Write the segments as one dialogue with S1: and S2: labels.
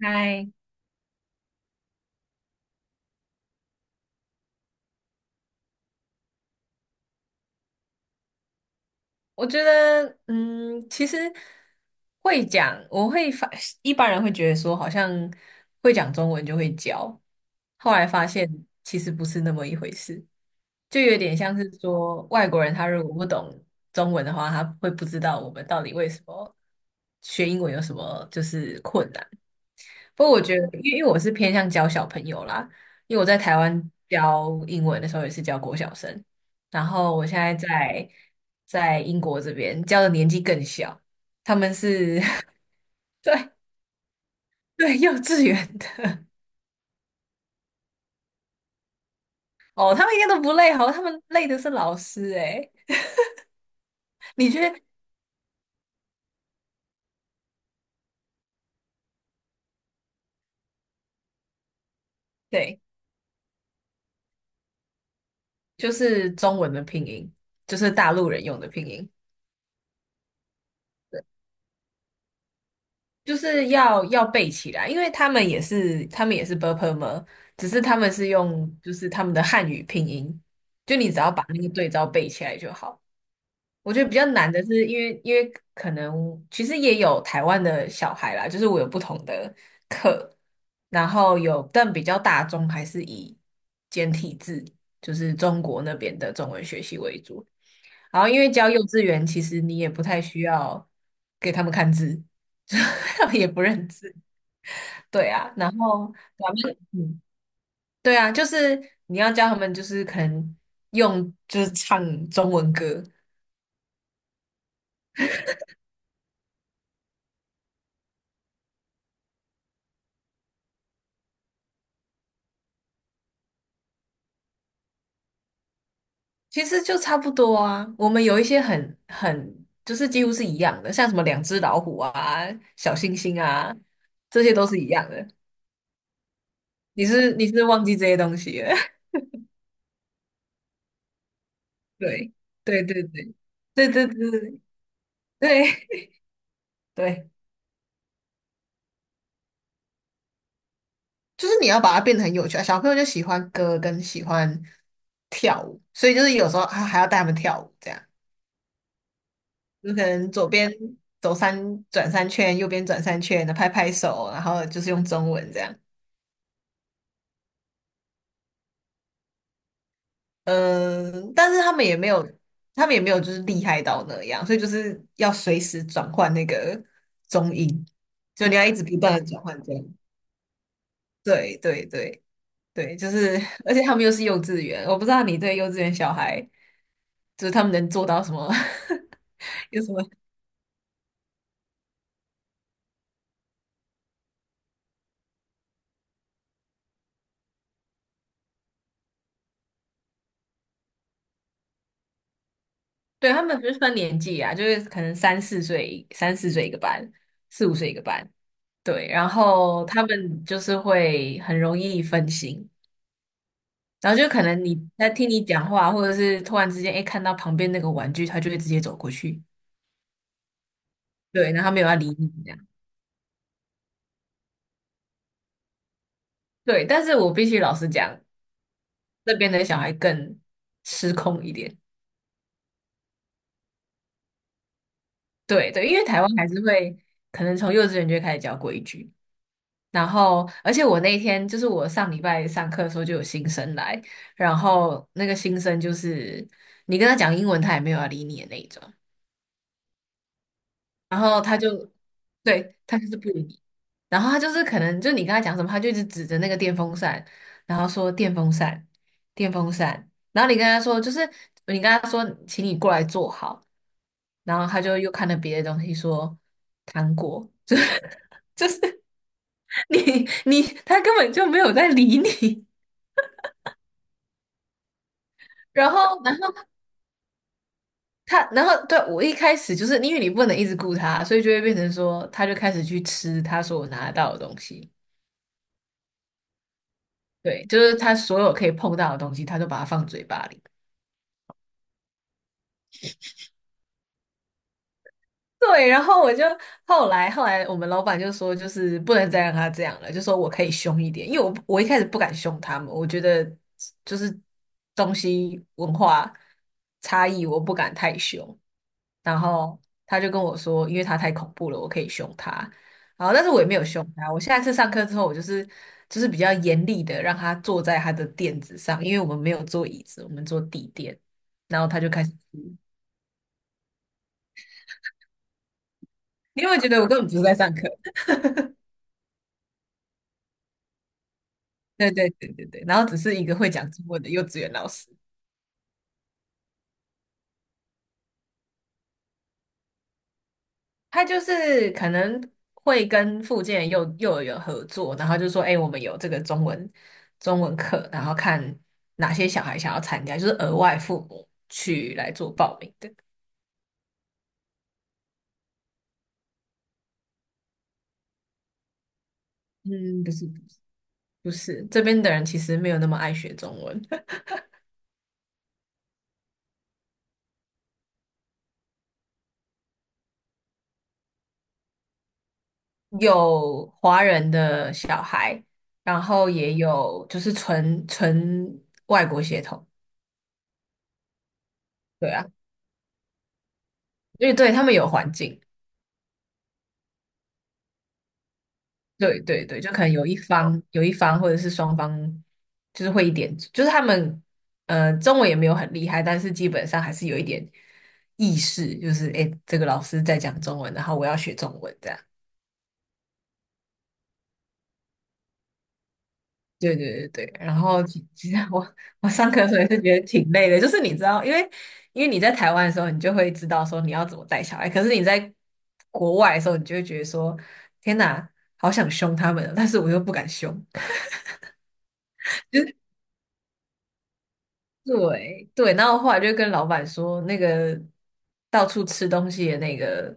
S1: 嗨，我觉得，其实会讲，我会发，一般人会觉得说，好像会讲中文就会教，后来发现其实不是那么一回事，就有点像是说，外国人他如果不懂中文的话，他会不知道我们到底为什么学英文有什么就是困难。不过我觉得，因为我是偏向教小朋友啦，因为我在台湾教英文的时候也是教国小生，然后我现在在英国这边教的年纪更小，他们是 对对幼稚园的哦，他们应该都不累，好，他们累的是老师诶，你觉得对，就是中文的拼音，就是大陆人用的拼音。就是要背起来，因为他们也是 b u r p l e 只是他们是用就是他们的汉语拼音，就你只要把那个对照背起来就好。我觉得比较难的是，因为可能其实也有台湾的小孩啦，就是我有不同的课，然后有但比较大众还是以简体字，就是中国那边的中文学习为主。然后因为教幼稚园，其实你也不太需要给他们看字，他们也不认字。对啊，然后咱们对啊，就是你要教他们，就是可能用就是唱中文歌，其实就差不多啊。我们有一些很就是几乎是一样的，像什么两只老虎啊、小星星啊，这些都是一样的。你是忘记这些东西了？对对对对对对对对对。就是你要把它变得很有趣啊。小朋友就喜欢歌跟喜欢跳舞，所以就是有时候还要带他们跳舞，这样就可能左边走三转三圈，右边转三圈，拍拍手，然后就是用中文这样。嗯，但是他们也没有就是厉害到那样，所以就是要随时转换那个中音，就你要一直不断的转换这样。对对对，对，就是，而且他们又是幼稚园，我不知道你对幼稚园小孩，就是他们能做到什么，有什么 对，他们不是分年纪啊，就是可能三四岁，三四岁一个班，四五岁一个班，对，然后他们就是会很容易分心，然后就可能你在听你讲话，或者是突然之间，哎，看到旁边那个玩具，他就会直接走过去，对，然后他没有要理你这样，对，但是我必须老实讲，这边的小孩更失控一点。对对，因为台湾还是会可能从幼稚园就会开始教规矩，然后而且我那天就是我上礼拜上课的时候就有新生来，然后那个新生就是你跟他讲英文，他也没有要理你的那一种。然后他就，对，他就是不理你。然后他就是可能就你跟他讲什么，他就一直指着那个电风扇，然后说电风扇，电风扇。然后你跟他说，请你过来坐好。然后他就又看了别的东西说糖果，就是 就是你他根本就没有在理你。然后他然后对我一开始就是因为你不能一直顾他，所以就会变成说他就开始去吃他说我拿得到的东西。对，就是他所有可以碰到的东西，他就把它放嘴巴里。对，然后我就后来我们老板就说，就是不能再让他这样了，就说我可以凶一点，因为我一开始不敢凶他们，我觉得就是东西文化差异，我不敢太凶。然后他就跟我说，因为他太恐怖了，我可以凶他。然后，但是我也没有凶他。我下一次上课之后，我就是比较严厉的让他坐在他的垫子上，因为我们没有坐椅子，我们坐地垫。然后他就开始哭。你有没有觉得我根本不是在上课？对对对对对。然后只是一个会讲中文的幼稚园老师。他就是可能会跟附近的幼儿园合作，然后就说，哎、我们有这个中文课，然后看哪些小孩想要参加，就是额外父母去来做报名的。嗯，不是不是，这边的人其实没有那么爱学中文，有华人的小孩，然后也有就是纯纯外国血统，对啊，因为对他们有环境。对对对，就可能有一方或者是双方，就是会一点，就是他们中文也没有很厉害，但是基本上还是有一点意识，就是诶，这个老师在讲中文，然后我要学中文这样。对对对对，然后其实我上课的时候也是觉得挺累的，就是你知道，因为你在台湾的时候，你就会知道说你要怎么带小孩，可是你在国外的时候，你就会觉得说天哪，好想凶他们哦，但是我又不敢凶。对对，然后后来就跟老板说，那个到处吃东西的那个，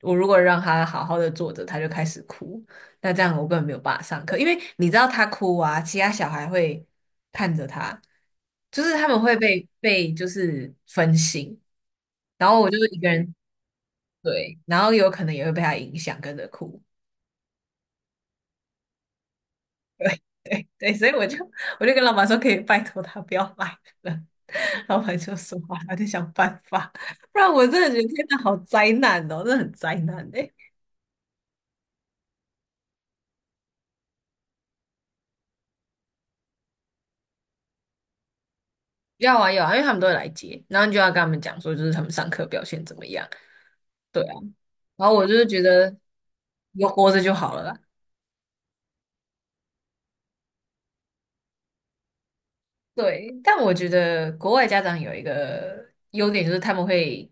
S1: 我如果让他好好的坐着，他就开始哭，那这样我根本没有办法上课，因为你知道他哭啊，其他小孩会看着他，就是他们会被就是分心，然后我就一个人，对，然后有可能也会被他影响跟着哭。对对对，所以我就跟老板说，可以拜托他不要来了。老板就说好，他就想办法，不然我真的觉得天哪，好灾难哦，真的很灾难哎、要啊要啊，因为他们都会来接，然后你就要跟他们讲说，就是他们上课表现怎么样。对啊，然后我就是觉得有活着就好了啦。对，但我觉得国外家长有一个优点，就是他们会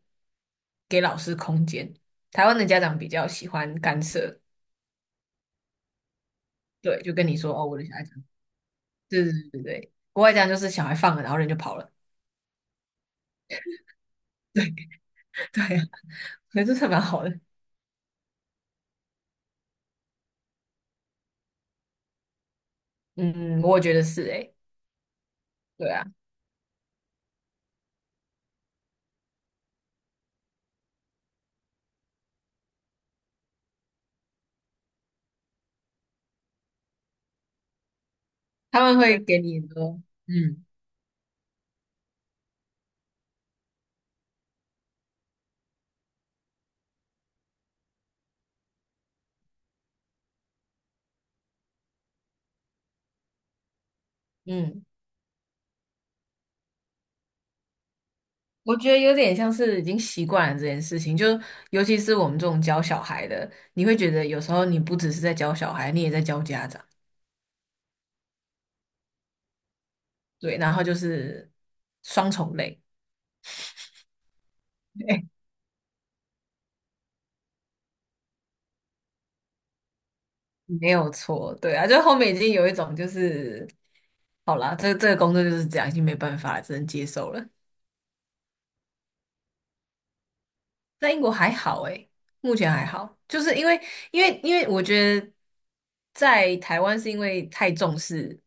S1: 给老师空间。台湾的家长比较喜欢干涉，对，就跟你说哦，我的小孩。对对对对对，国外这样就是小孩放了，然后人就跑了。对 对啊，所以这蛮好的。嗯，我觉得是诶、对啊，他们会给你很多，嗯嗯，我觉得有点像是已经习惯了这件事情，就尤其是我们这种教小孩的，你会觉得有时候你不只是在教小孩，你也在教家长，对，然后就是双重累，对，没有错，对啊，就后面已经有一种就是，好啦，这个工作就是这样，已经没办法了，只能接受了。在英国还好诶，目前还好，就是因为我觉得在台湾是因为太重视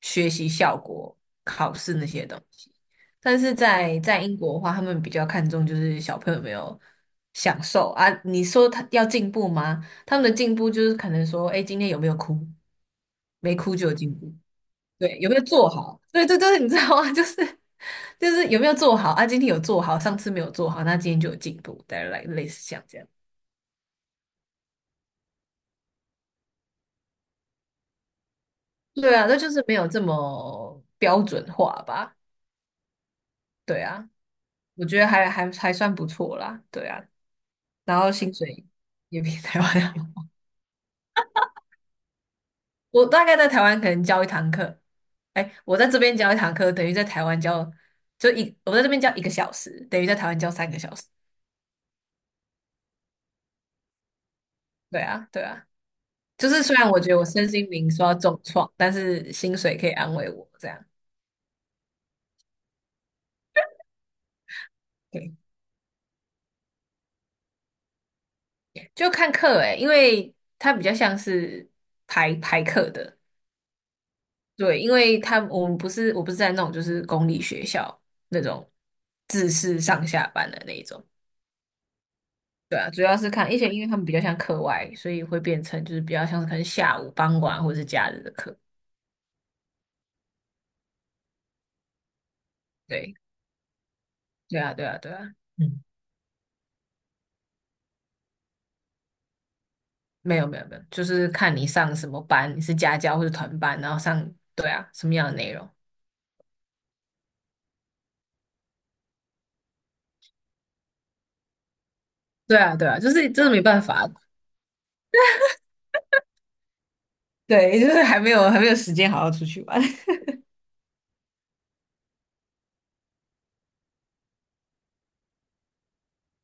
S1: 学习效果、考试那些东西，但是在英国的话，他们比较看重就是小朋友有没有享受啊。你说他要进步吗？他们的进步就是可能说，哎，今天有没有哭？没哭就有进步。对，有没有做好？对对对，你知道吗？就是有没有做好啊？今天有做好，上次没有做好，那今天就有进步，大来类似像这样。对啊，那就是没有这么标准化吧？对啊，我觉得还算不错啦。对啊，然后薪水也比台湾好。我大概在台湾可能教一堂课，哎，我在这边教一堂课，等于在台湾教就一，我在这边教一个小时，等于在台湾教三个小时。对啊，对啊。就是虽然我觉得我身心灵受到重创，但是薪水可以安慰我，这样对，就看课诶、因为它比较像是排排课的，对，因为他我不是在那种就是公立学校那种自式上下班的那一种，对啊，主要是看，而且因为他们比较像课外，所以会变成就是比较像是可能下午、傍晚或者是假日的课，对，对啊，对啊，对啊，嗯。没有没有没有，就是看你上什么班，你是家教或者团班，然后上，对啊，什么样的内容？对啊对啊，就是真的没办法，对，就是还没有时间好好出去玩。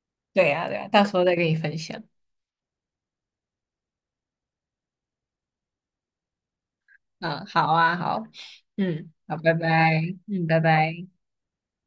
S1: 对啊对啊，到时候再跟你分享。嗯，好啊好，嗯，好，拜拜，嗯，拜拜。